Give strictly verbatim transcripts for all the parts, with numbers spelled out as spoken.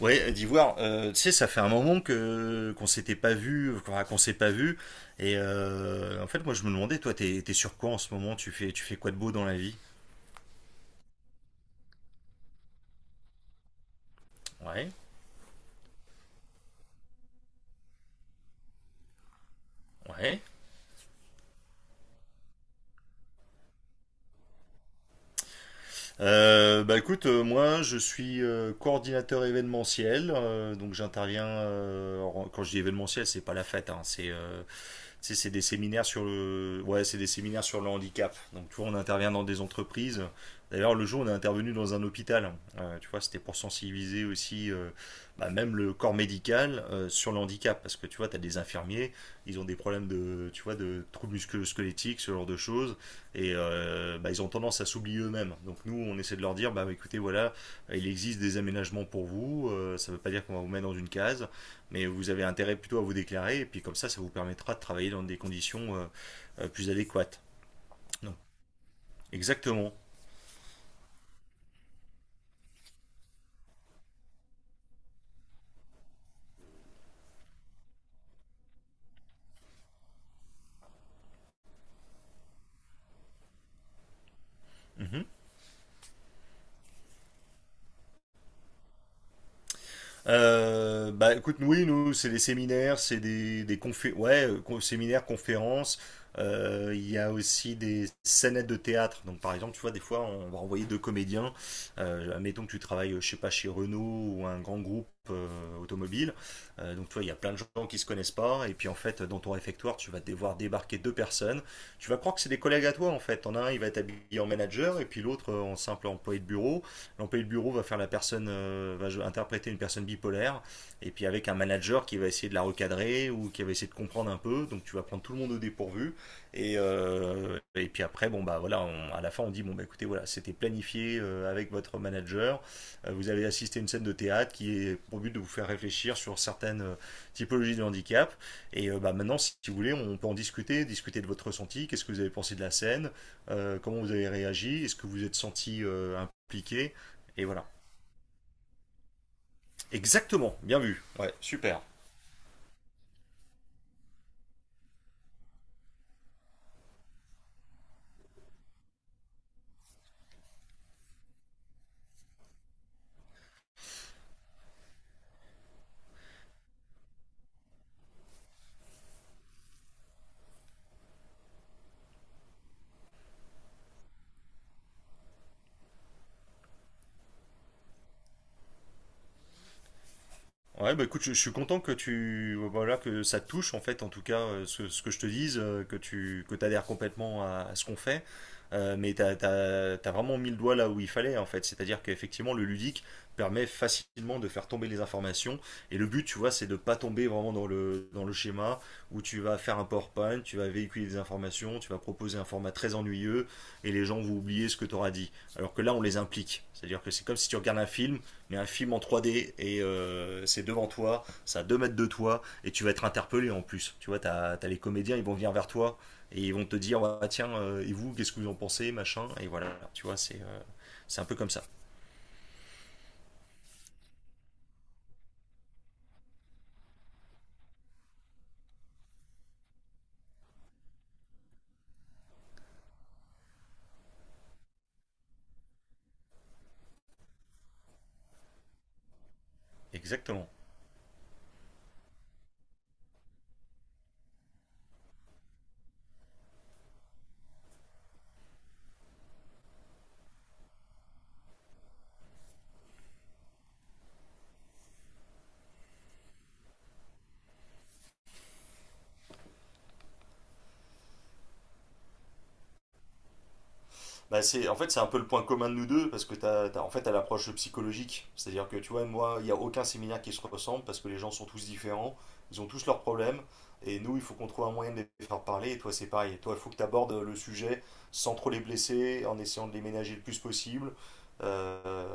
Ouais, d'Ivoire, euh, tu sais, ça fait un moment que qu'on s'était pas vu, qu'on qu'on s'est pas vu. Et euh, en fait, moi, je me demandais, toi, t'es t'es sur quoi en ce moment? Tu fais tu fais quoi de beau dans la vie? Ouais, ouais. Euh, bah écoute, euh, moi, je suis euh, coordinateur événementiel, euh, donc j'interviens. Euh, en- quand je dis événementiel, c'est pas la fête, hein. c'est euh, Tu sais, c'est des séminaires sur le, ouais, c'est des séminaires sur le handicap. Donc, tu vois, on intervient dans des entreprises. D'ailleurs, le jour, on est intervenu dans un hôpital. Euh, tu vois, c'était pour sensibiliser aussi, euh, bah, même le corps médical euh, sur le handicap, parce que tu vois, tu as des infirmiers, ils ont des problèmes de, tu vois, de troubles musculo-squelettiques, ce genre de choses, et euh, bah, ils ont tendance à s'oublier eux-mêmes. Donc nous, on essaie de leur dire, bah écoutez, voilà, il existe des aménagements pour vous. Euh, ça ne veut pas dire qu'on va vous mettre dans une case. Mais vous avez intérêt plutôt à vous déclarer, et puis comme ça, ça vous permettra de travailler dans des conditions euh, euh, plus adéquates. Non, exactement. Mhm. Euh, bah écoute, oui, nous, c'est des séminaires, c'est des, des confé- ouais, euh, con- séminaires, conférences. Euh, Il y a aussi des scénettes de théâtre. Donc par exemple, tu vois, des fois, on va envoyer deux comédiens. Euh, admettons que tu travailles, euh, je sais pas, chez Renault ou un grand groupe euh, automobile. Euh, donc tu vois, il y a plein de gens qui se connaissent pas. Et puis en fait, dans ton réfectoire, tu vas devoir débarquer deux personnes. Tu vas croire que c'est des collègues à toi en fait. En un, il va être habillé en manager et puis l'autre euh, en simple employé de bureau. L'employé de bureau va faire la personne, euh, va interpréter une personne bipolaire, et puis avec un manager qui va essayer de la recadrer ou qui va essayer de comprendre un peu. Donc tu vas prendre tout le monde au dépourvu, et, euh, et puis après, bon bah voilà, on- à la fin on dit bon bah écoutez voilà, c'était planifié euh, avec votre manager. Euh, vous avez assisté à une scène de théâtre qui est pour but de vous faire réfléchir sur certaines euh, typologies de handicap. Et euh, bah maintenant, si vous voulez, on peut en discuter, discuter de votre ressenti, qu'est-ce que vous avez pensé de la scène, euh, comment vous avez réagi, est-ce que vous êtes senti euh, impliqué, et voilà. Exactement, bien vu. Ouais, super. Ouais, bah écoute, je, je suis content que tu voilà que ça te touche en fait, en tout cas euh, ce, ce que je te dise, euh, que tu que t'adhères complètement à, à ce qu'on fait. Euh, mais t'as, t'as, t'as vraiment mis le doigt là où il fallait en fait, c'est-à-dire qu'effectivement le ludique permet facilement de faire tomber les informations et le but, tu vois, c'est de pas tomber vraiment dans le dans le schéma où tu vas faire un PowerPoint, tu vas véhiculer des informations, tu vas proposer un format très ennuyeux et les gens vont oublier ce que tu auras dit. Alors que là, on les implique, c'est-à-dire que c'est comme si tu regardes un film mais un film en trois d et euh, c'est devant toi, ça à deux mètres de toi et tu vas être interpellé en plus. Tu vois, t'as as les comédiens, ils vont venir vers toi et ils vont te dire ah, tiens, euh, et vous, qu'est-ce que vous en pensez, machin, et voilà, tu vois, c'est euh, c'est un peu comme ça. Exactement. Bah c'est, en fait, c'est un peu le point commun de nous deux parce que t'as, t'as- en fait, t'as l'approche psychologique. C'est-à-dire que tu vois, moi, il n'y a aucun séminaire qui se ressemble parce que les gens sont tous différents, ils ont tous leurs problèmes et nous, il faut qu'on trouve un moyen de les faire parler. Et toi, c'est pareil. Et toi, il faut que tu abordes le sujet sans trop les blesser, en essayant de les ménager le plus possible. Euh,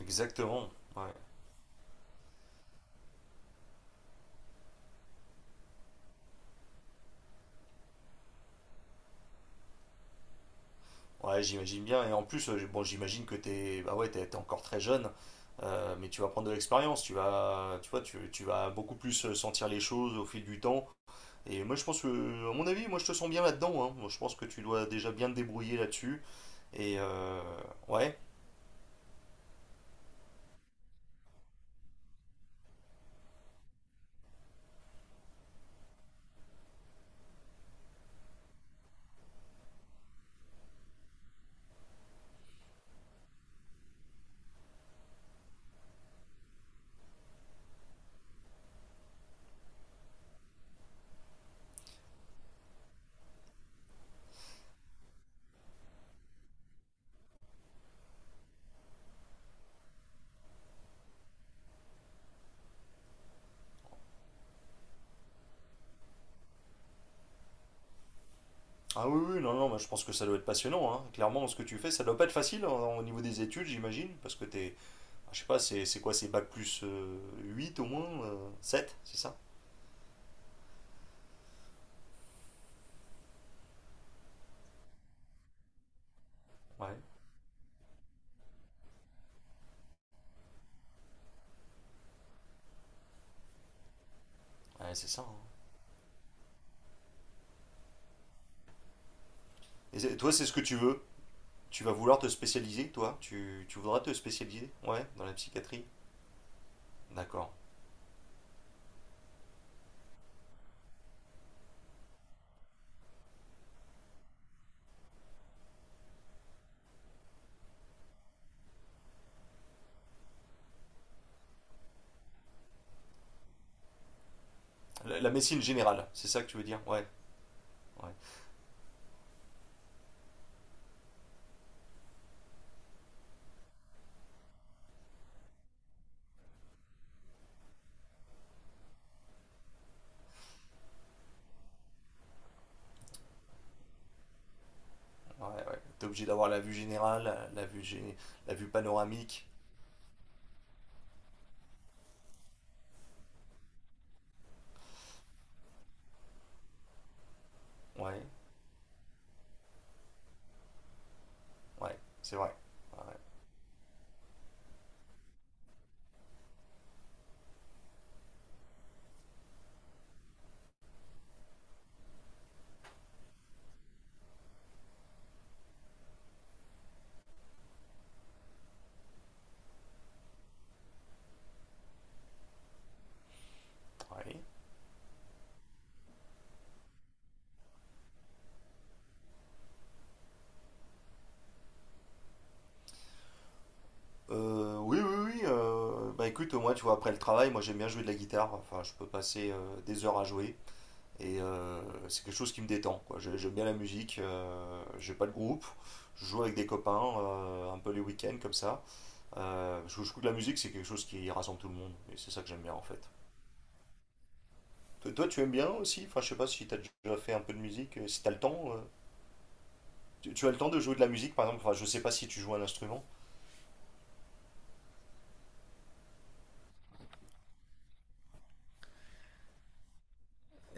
Exactement. Ouais. Ouais, j'imagine bien. Et en plus, euh, bon, j'imagine que t'es, bah ouais, t'es, t'es encore très jeune. Euh, mais tu vas prendre de l'expérience, tu vas, tu vois, tu, tu vas beaucoup plus euh, sentir les choses au fil du temps. Et moi, je pense que, à mon avis, moi, je te sens bien là-dedans. hein. Moi, je pense que tu dois déjà bien te débrouiller là-dessus. Et euh, ouais. Ah oui, oui, non, non, moi, je pense que ça doit être passionnant. hein. Clairement, ce que tu fais, ça doit pas être facile hein, au niveau des études, j'imagine. Parce que t'es. Ah, Je sais pas, c'est c'est quoi, c'est bac plus euh, huit au moins euh, sept, c'est ça? Ouais, ouais, c'est ça. hein. Et c'est- toi, c'est ce que tu veux? Tu vas vouloir te spécialiser, toi? Tu, tu voudras te spécialiser? Ouais, dans la psychiatrie? D'accord. La, la médecine générale, c'est ça que tu veux dire? Ouais, ouais. Ouais, ouais. T'es obligé d'avoir la vue générale, la vue, gé- la vue panoramique. Ouais, ouais, c'est vrai. Ouais, ouais. Euh, oui, oui, oui. Euh, bah écoute, moi, tu vois, après le travail, moi j'aime bien jouer de la guitare. Enfin, je peux passer euh, des heures à jouer. Et euh, c'est quelque chose qui me détend, quoi. J'ai- J'aime bien la musique. Euh, j'ai pas de groupe. Je joue avec des copains, euh, un peu les week-ends comme ça. Euh, je, je trouve que la musique, c'est quelque chose qui rassemble tout le monde. Et c'est ça que j'aime bien en fait. Toi, toi, tu aimes bien aussi? Enfin, je sais pas si t'as déjà fait un peu de musique, euh, si t'as le temps. euh. Tu, tu as le temps de jouer de la musique, par exemple? Enfin, je sais pas si tu joues un instrument.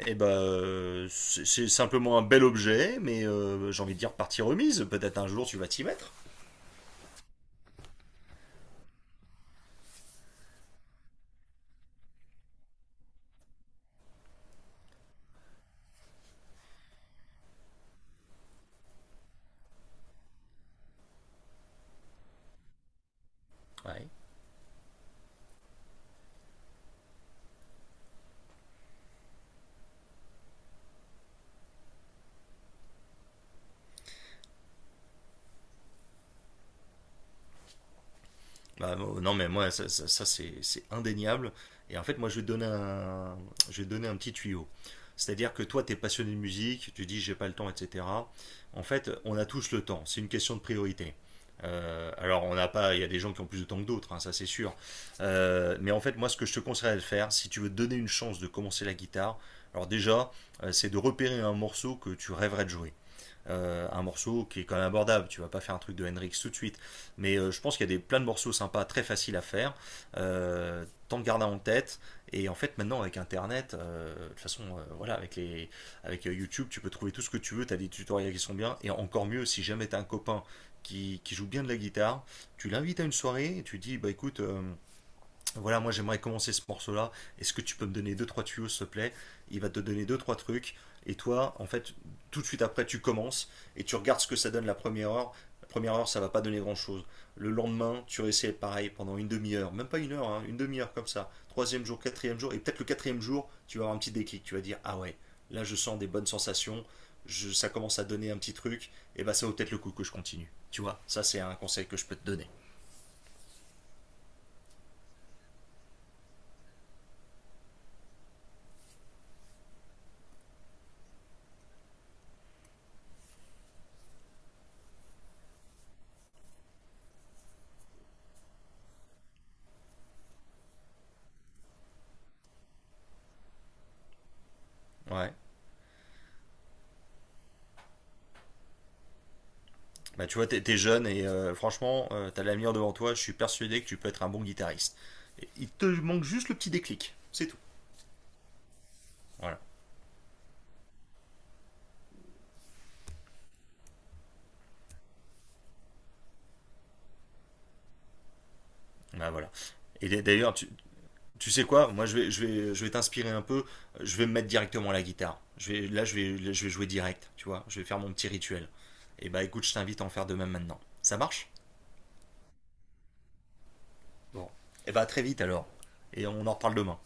Eh ben, euh, c'est c'est simplement un bel objet, mais euh, j'ai envie de dire partie remise. Peut-être un jour tu vas t'y mettre. Ouais. Bah, euh, non, mais moi, ça, ça- ça, c'est c'est indéniable. Et en fait, moi, je vais te donner un, je vais te donner un petit tuyau. C'est-à-dire que toi, tu es passionné de musique, tu dis j'ai pas le temps, et cetera. En fait, on a tous le temps. C'est une question de priorité. Euh, alors, on n'a pas, il y a des gens qui ont plus de temps que d'autres, hein, ça c'est sûr. Euh, mais en fait, moi, ce que je te conseillerais de faire, si tu veux te donner une chance de commencer la guitare, alors déjà, euh, c'est de repérer un morceau que tu rêverais de jouer euh, un morceau qui est quand même abordable. Tu vas pas faire un truc de Hendrix tout de suite. Mais euh, je pense qu'il y a des, plein de morceaux sympas, très faciles à faire. Euh, tant de garder en tête. Et en fait, maintenant, avec Internet, euh, de toute façon, euh, voilà, avec, les, avec euh, YouTube, tu peux trouver tout ce que tu veux. Tu as des tutoriels qui sont bien. Et encore mieux, si jamais tu as un copain qui, qui joue bien de la guitare, tu l'invites à une soirée et tu dis, bah écoute, euh, voilà, moi j'aimerais commencer ce morceau-là. Est-ce que tu peux me donner deux trois tuyaux, s'il te plaît? Il va te donner deux trois trucs. Et toi, en fait, tout de suite après, tu commences et tu regardes ce que ça donne la première heure. La première heure, ça va pas donner grand-chose. Le lendemain, tu réessayes pareil pendant une demi-heure, même pas une heure, hein, une demi-heure comme ça. Troisième jour, quatrième jour, et peut-être le quatrième jour, tu vas avoir un petit déclic. Tu vas dire ah ouais, là je sens des bonnes sensations. Je, ça commence à donner un petit truc. Et bah ça vaut peut-être le coup que je continue. Tu vois, ça c'est un conseil que je peux te donner. Ouais. Bah, tu vois, t'es t'es jeune et euh, franchement, euh, t'as l'avenir devant toi. Je suis persuadé que tu peux être un bon guitariste. Et il te manque juste le petit déclic, c'est tout. Voilà. Bah, voilà. Et d'a- d'ailleurs, tu, tu sais quoi? Moi, je vais, je vais, je vais t'inspirer un peu. Je vais me mettre directement à la guitare. Je vais, là, je vais, là, je vais jouer direct. Tu vois, je vais faire mon petit rituel. Et bah, écoute, je t'invite à en faire de même maintenant. Ça marche? Bon. Et bah, à très vite alors. Et on en reparle demain.